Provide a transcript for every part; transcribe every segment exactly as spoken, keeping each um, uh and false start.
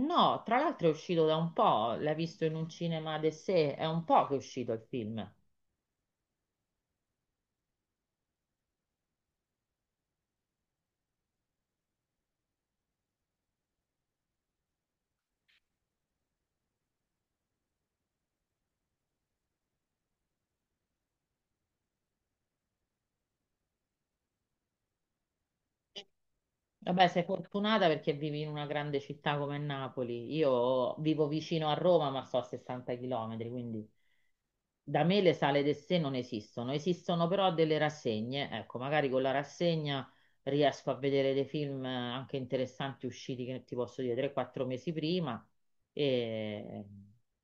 No, tra l'altro è uscito da un po', l'hai visto in un cinema de sé, è un po' che è uscito il film. Vabbè, sei fortunata perché vivi in una grande città come Napoli. Io vivo vicino a Roma, ma sto a sessanta chilometri, quindi. Da me le sale del sé non esistono, esistono però delle rassegne, ecco, magari con la rassegna riesco a vedere dei film eh, anche interessanti usciti, che ti posso dire, tre quattro mesi prima e,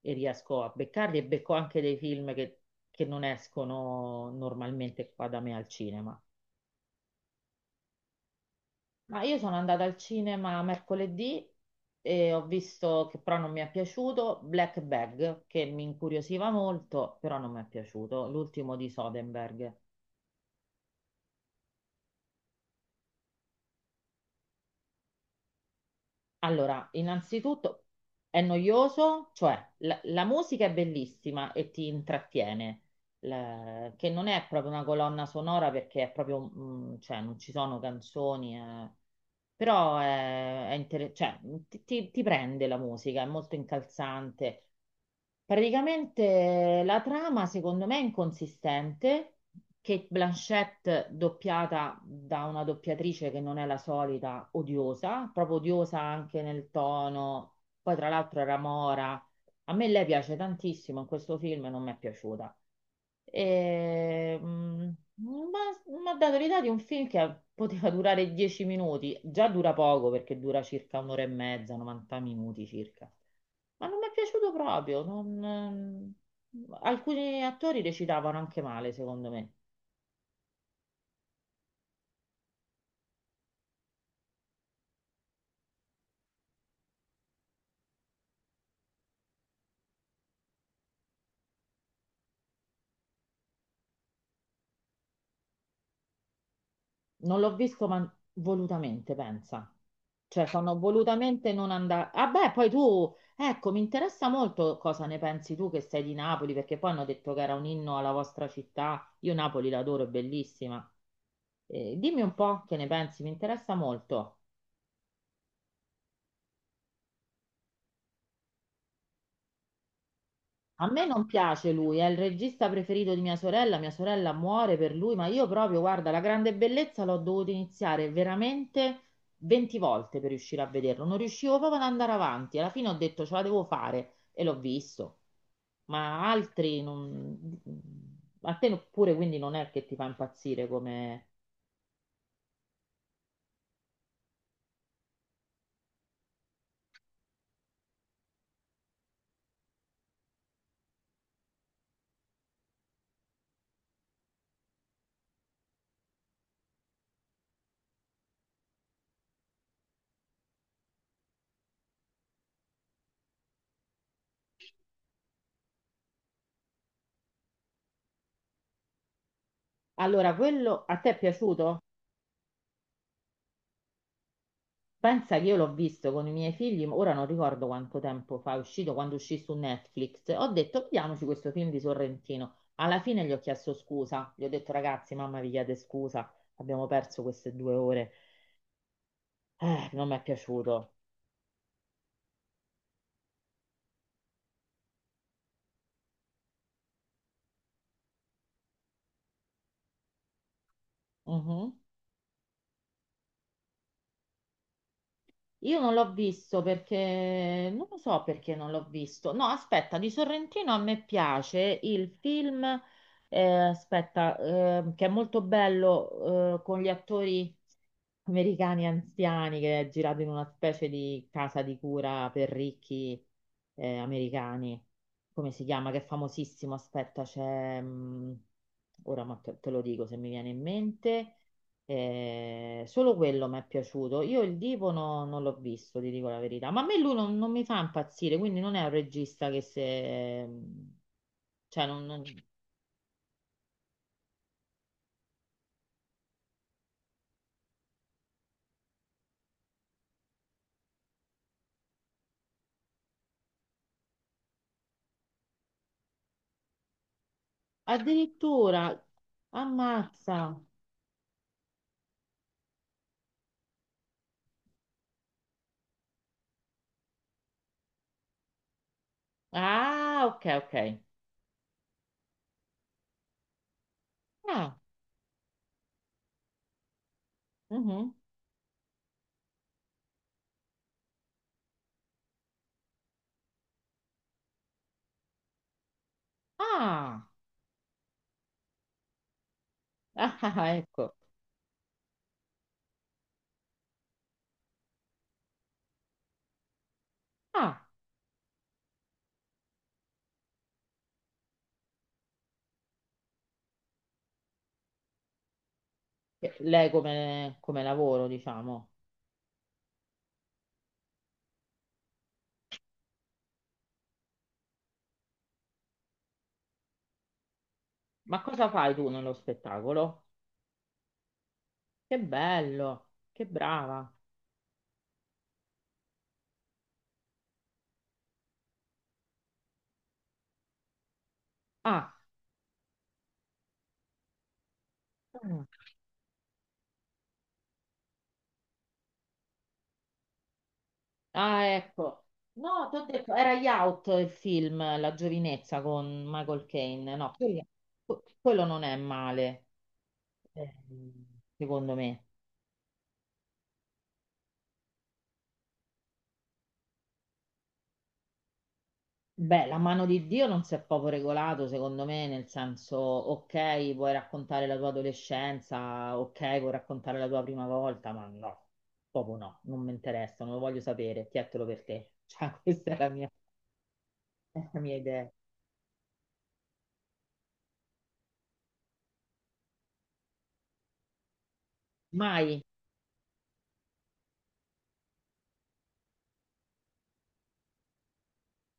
e riesco a beccarli e becco anche dei film che, che non escono normalmente qua da me al cinema. Ma io sono andata al cinema mercoledì e ho visto che però non mi è piaciuto Black Bag, che mi incuriosiva molto, però non mi è piaciuto, l'ultimo di Soderbergh. Allora, innanzitutto è noioso, cioè la, la musica è bellissima e ti intrattiene, la- che non è proprio una colonna sonora perché è proprio, mm, cioè non ci sono canzoni, eh, però è, è inter- cioè, ti, ti- ti prende la musica, è molto incalzante. Praticamente eh, la trama secondo me è inconsistente, che Blanchett doppiata da una doppiatrice che non è la solita, odiosa, proprio odiosa anche nel tono, poi tra l'altro era mora, a me lei piace tantissimo, in questo film non mi è piaciuta. E, mm, ma mi ha dato l'idea di un film che poteva durare dieci minuti, già dura poco perché dura circa un'ora e mezza, novanta minuti circa. Ma non mi è piaciuto proprio. Non, ehm, Alcuni attori recitavano anche male, secondo me. Non l'ho visto, ma volutamente, pensa. Cioè, sono volutamente non andare. Ah, beh, poi tu, ecco, mi interessa molto cosa ne pensi tu che sei di Napoli, perché poi hanno detto che era un inno alla vostra città. Io Napoli l'adoro, è bellissima. Eh, dimmi un po' che ne pensi, mi interessa molto. A me non piace lui, è il regista preferito di mia sorella, mia sorella muore per lui, ma io proprio, guarda, La grande bellezza l'ho dovuto iniziare veramente venti volte per riuscire a vederlo, non riuscivo proprio ad andare avanti, alla fine ho detto ce la devo fare e l'ho visto, ma altri non... A te pure quindi non è che ti fa impazzire come... Allora, quello a te è piaciuto? Pensa che io l'ho visto con i miei figli, ora non ricordo quanto tempo fa, è uscito quando uscì su Netflix. Ho detto, vediamoci questo film di Sorrentino. Alla fine gli ho chiesto scusa, gli ho detto, ragazzi, mamma vi chiede scusa, abbiamo perso queste due ore. Eh, non mi è piaciuto. Mhm. Io non l'ho visto perché non lo so perché non l'ho visto. No, aspetta, di Sorrentino a me piace il film, eh, aspetta, eh, che è molto bello, eh, con gli attori americani anziani che è girato in una specie di casa di cura per ricchi, eh, americani. Come si chiama? Che è famosissimo. Aspetta, c'è. Mm, ora ma te te lo dico se mi viene in mente. Eh, solo quello mi è piaciuto. Io il Divo no- non l'ho visto, ti dico la verità. Ma a me lui non, non mi fa impazzire, quindi non è un regista che se... Cioè, non, non- addirittura. Ammazza. Ah, ok, ok. Ah, mhm. Ah, ah, ah, ecco. Ah, eh, lei come, come lavoro, diciamo. Ma cosa fai tu nello spettacolo? Che bello, che brava. Ah. Mm. Ah, ecco. No, ti ho detto, era Youth il film, La giovinezza con Michael Caine. No, quello, quello non è male, ehm, secondo me. Beh, La mano di Dio non si è proprio regolato, secondo me, nel senso, ok, puoi raccontare la tua adolescenza, ok, puoi raccontare la tua prima volta, ma no, proprio no, non mi interessa, non lo voglio sapere, chiettelo per te. Cioè, questa è la mia, è la mia idea. Mai.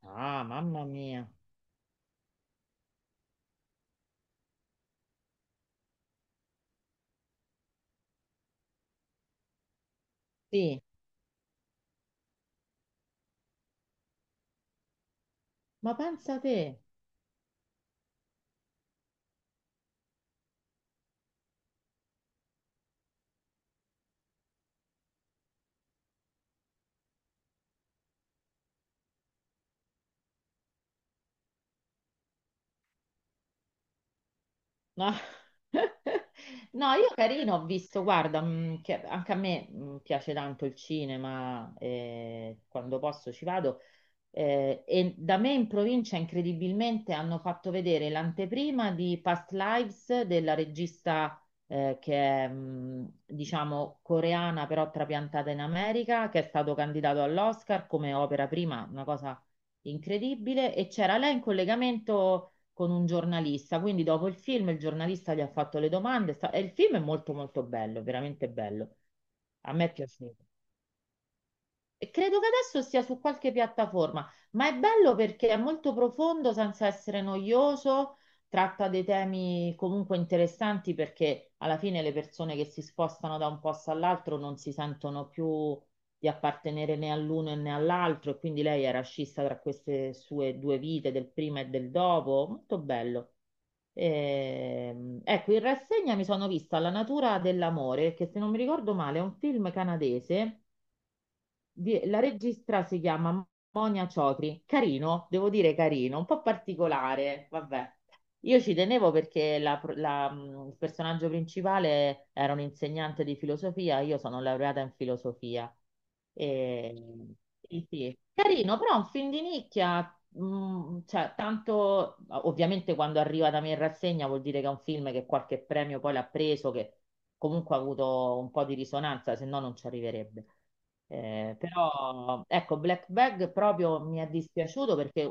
Ah, mamma mia. Sì, ma pensa te. No, no, io carino ho visto, guarda, mh, che anche a me mh, piace tanto il cinema, e quando posso ci vado. Eh, e da me in provincia incredibilmente hanno fatto vedere l'anteprima di Past Lives della regista eh, che è, mh, diciamo, coreana però trapiantata in America, che è stato candidato all'Oscar come opera prima, una cosa incredibile. E c'era lei in collegamento con un giornalista, quindi dopo il film il giornalista gli ha fatto le domande sta- e il film è molto molto bello, veramente bello. A me è piaciuto. E credo che adesso sia su qualche piattaforma, ma è bello perché è molto profondo senza essere noioso, tratta dei temi comunque interessanti perché alla fine le persone che si spostano da un posto all'altro non si sentono più di appartenere né all'uno né all'altro e quindi lei era scissa tra queste sue due vite, del prima e del dopo, molto bello. Ehm, ecco, in rassegna mi sono vista La natura dell'amore, che se non mi ricordo male è un film canadese di- la regista si chiama Monia Ciotri, carino, devo dire carino, un po' particolare, vabbè. Io ci tenevo perché la pro- la, mh, il personaggio principale era un insegnante di filosofia, io sono laureata in filosofia. E, sì, sì. Carino, però è un film di nicchia, mh, cioè, tanto ovviamente quando arriva da me in rassegna vuol dire che è un film che qualche premio poi l'ha preso, che comunque ha avuto un po' di risonanza, se no non ci arriverebbe. Eh, però ecco, Black Bag proprio mi è dispiaciuto perché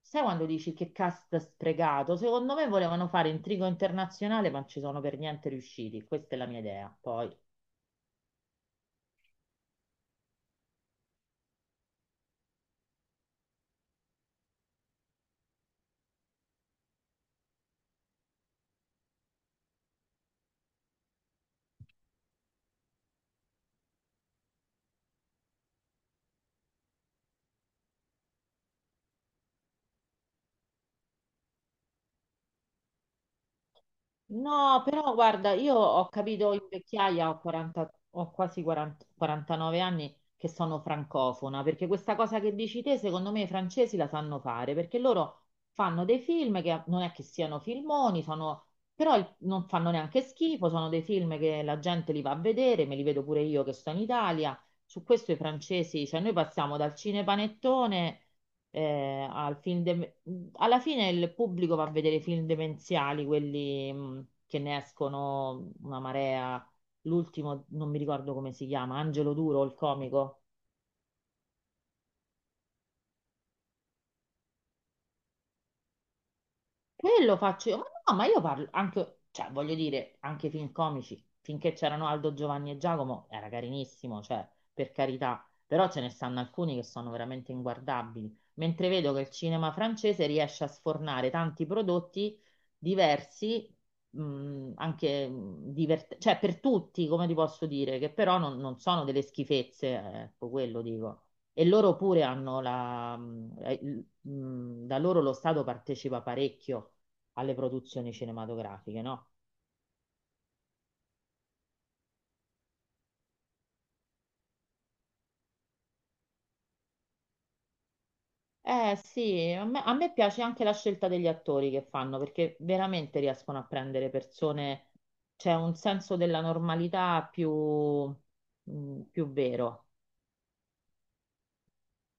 sai quando dici che cast sprecato? Secondo me volevano fare intrigo internazionale, ma non ci sono per niente riusciti. Questa è la mia idea. Poi... No, però guarda, io ho capito in vecchiaia, ho quaranta, ho quasi quaranta, quarantanove anni, che sono francofona, perché questa cosa che dici te, secondo me i francesi la sanno fare, perché loro fanno dei film che non è che siano filmoni, sono, però il- non fanno neanche schifo, sono dei film che la gente li va a vedere, me li vedo pure io che sto in Italia. Su questo i francesi, cioè noi passiamo dal cinepanettone eh, al film de- alla fine il pubblico va a vedere i film demenziali, quelli mh, che ne escono una marea. L'ultimo, non mi ricordo come si chiama, Angelo Duro, il comico. E lo faccio io, ma no, ma io parlo anche, cioè voglio dire, anche i film comici, finché c'erano Aldo, Giovanni e Giacomo, era carinissimo, cioè, per carità, però ce ne stanno alcuni che sono veramente inguardabili, mentre vedo che il cinema francese riesce a sfornare tanti prodotti diversi, mh, anche divertenti, cioè per tutti, come ti posso dire, che però non, non sono delle schifezze, eh, ecco, quello dico. E loro pure hanno la, mh, da loro lo Stato partecipa parecchio alle produzioni cinematografiche, no? Eh sì, a me, a me piace anche la scelta degli attori che fanno perché veramente riescono a prendere persone, c'è un senso della normalità più, mh, più vero.